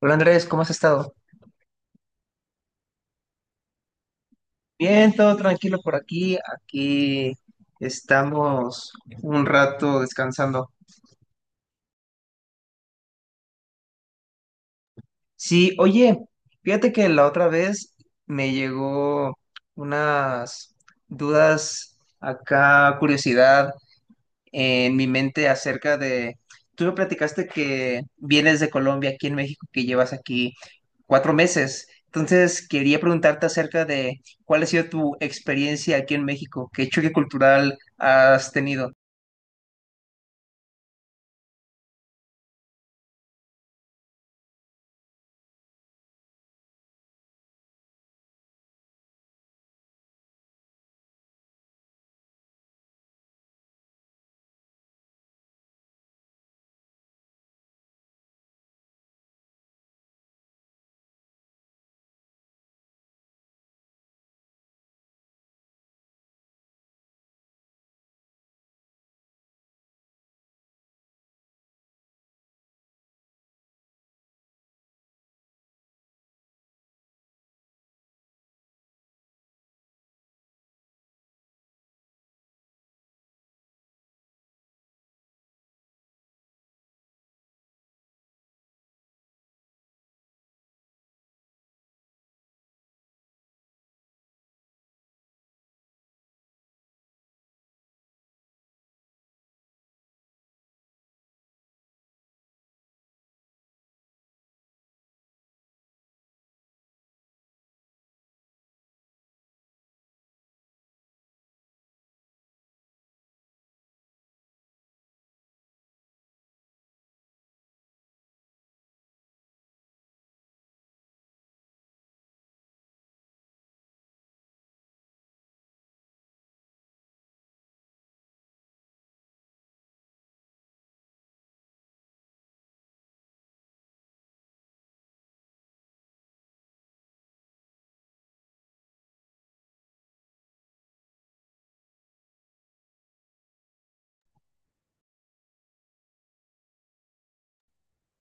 Hola Andrés, ¿cómo has estado? Bien, todo tranquilo por aquí. Aquí estamos un rato descansando. Sí, oye, fíjate que la otra vez me llegó unas dudas acá, curiosidad en mi mente acerca de, tú me platicaste que vienes de Colombia aquí en México, que llevas aquí 4 meses. Entonces, quería preguntarte acerca de cuál ha sido tu experiencia aquí en México, qué choque cultural has tenido.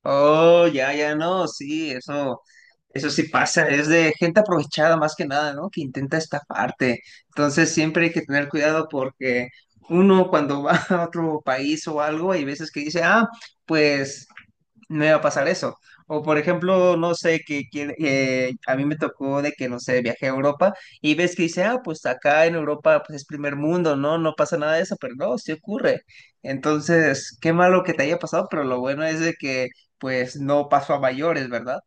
Oh, ya, ya no, sí, eso sí pasa, es de gente aprovechada más que nada, ¿no? Que intenta estafarte. Entonces, siempre hay que tener cuidado porque uno cuando va a otro país o algo, hay veces que dice, ah, pues me va a pasar eso. O por ejemplo, no sé, a mí me tocó de que, no sé, viajé a Europa y ves que dice, ah, pues acá en Europa pues es primer mundo, ¿no? No pasa nada de eso, pero no, sí ocurre. Entonces, qué malo que te haya pasado, pero lo bueno es de que pues no pasó a mayores, ¿verdad?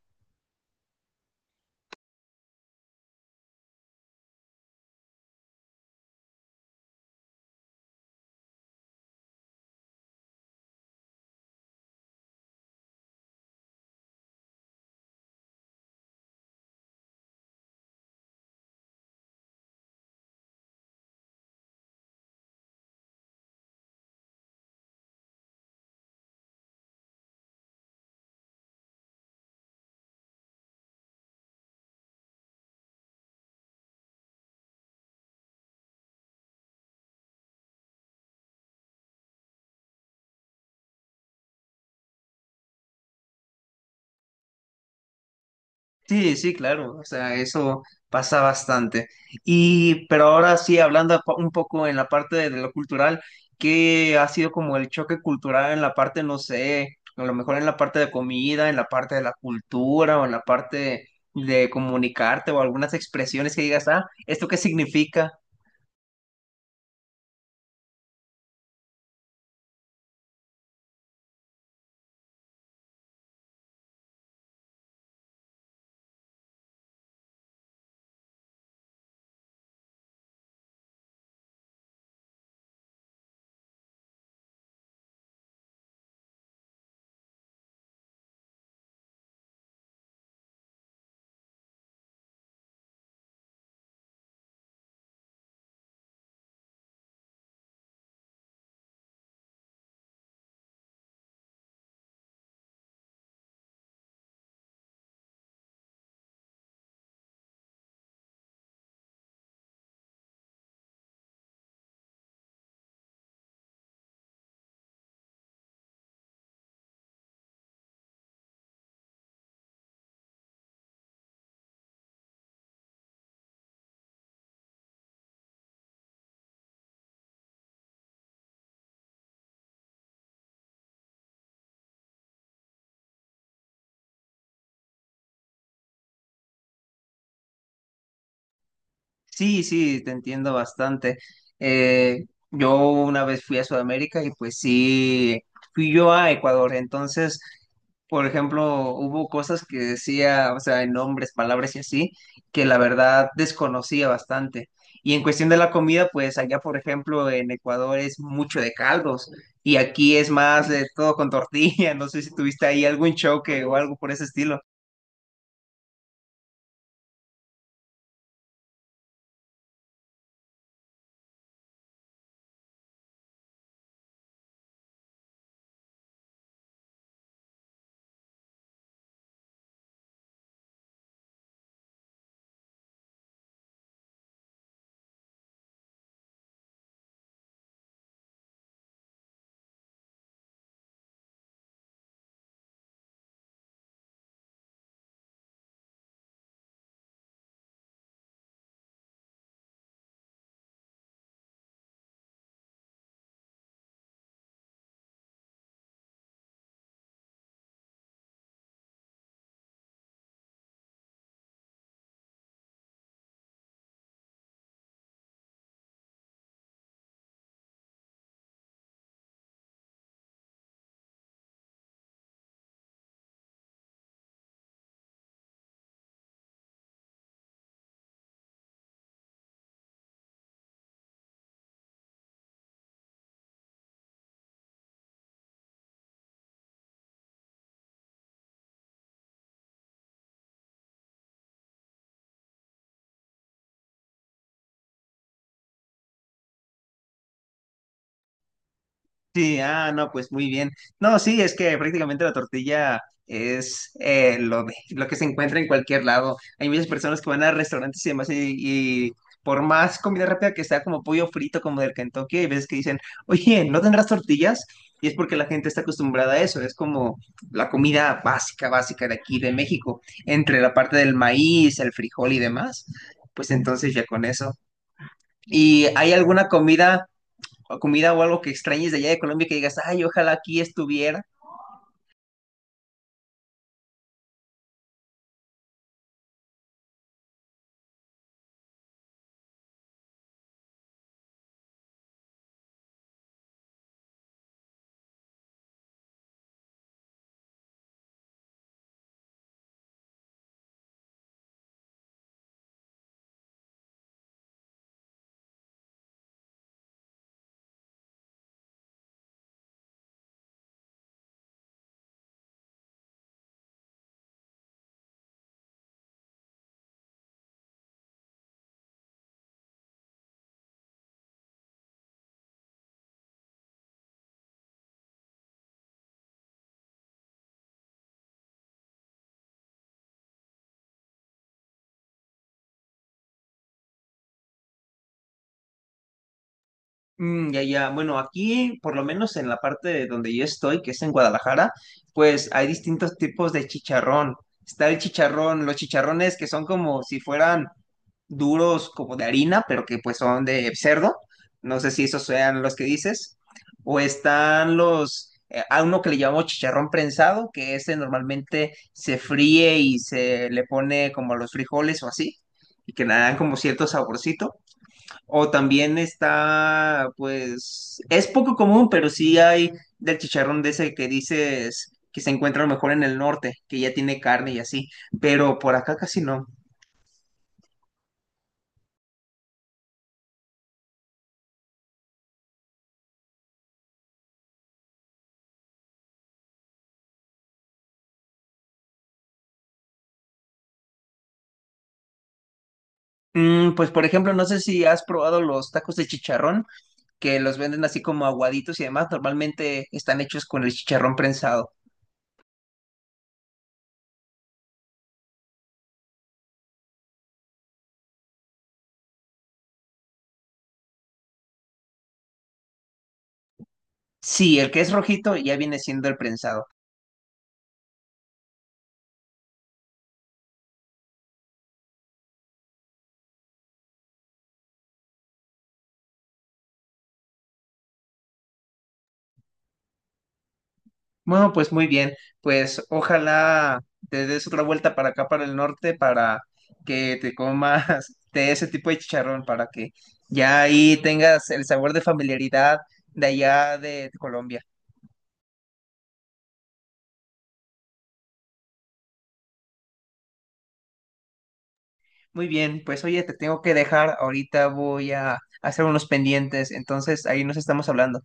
Sí, sí, claro, o sea, eso pasa bastante. Y, pero ahora sí, hablando un poco en la parte de lo cultural, ¿qué ha sido como el choque cultural en la parte, no sé, a lo mejor en la parte de comida, en la parte de la cultura o en la parte de comunicarte o algunas expresiones que digas, ah, ¿esto qué significa? Sí, sí, te entiendo bastante. Eh, yo una vez fui a Sudamérica y pues sí, fui yo a Ecuador. Entonces, por ejemplo, hubo cosas que decía, o sea, en nombres, palabras y así, que la verdad desconocía bastante. Y en cuestión de la comida, pues allá, por ejemplo, en Ecuador es mucho de caldos y aquí es más de todo con tortilla. No sé si tuviste ahí algún choque o algo por ese estilo. Sí, ah, no, pues muy bien. No, sí, es que prácticamente la tortilla es lo de, lo que se encuentra en cualquier lado. Hay muchas personas que van a restaurantes y demás y por más comida rápida que sea, como pollo frito, como del Kentucky, hay veces que dicen, oye, ¿no tendrás tortillas? Y es porque la gente está acostumbrada a eso. Es como la comida básica, básica de aquí, de México, entre la parte del maíz, el frijol y demás. Pues entonces ya con eso. ¿Y hay alguna comida? O comida o algo que extrañes de allá de Colombia que digas, ay, ojalá aquí estuviera? Mm, ya, ya. Bueno, aquí, por lo menos en la parte de donde yo estoy, que es en Guadalajara, pues hay distintos tipos de chicharrón. Está el chicharrón, los chicharrones que son como si fueran duros, como de harina, pero que pues son de cerdo. No sé si esos sean los que dices. O están los, a uno que le llamamos chicharrón prensado, que ese normalmente se fríe y se le pone como a los frijoles o así, y que le dan como cierto saborcito. O también está, pues, es poco común, pero sí hay del chicharrón de ese que dices que se encuentra a lo mejor en el norte, que ya tiene carne y así, pero por acá casi no. Mm, pues, por ejemplo, no sé si has probado los tacos de chicharrón, que los venden así como aguaditos y demás, normalmente están hechos con el chicharrón prensado. Sí, el que es rojito ya viene siendo el prensado. Bueno, pues muy bien, pues ojalá te des otra vuelta para acá, para el norte, para que te comas de ese tipo de chicharrón, para que ya ahí tengas el sabor de familiaridad de allá de Colombia. Muy bien, pues oye, te tengo que dejar, ahorita voy a hacer unos pendientes, entonces ahí nos estamos hablando.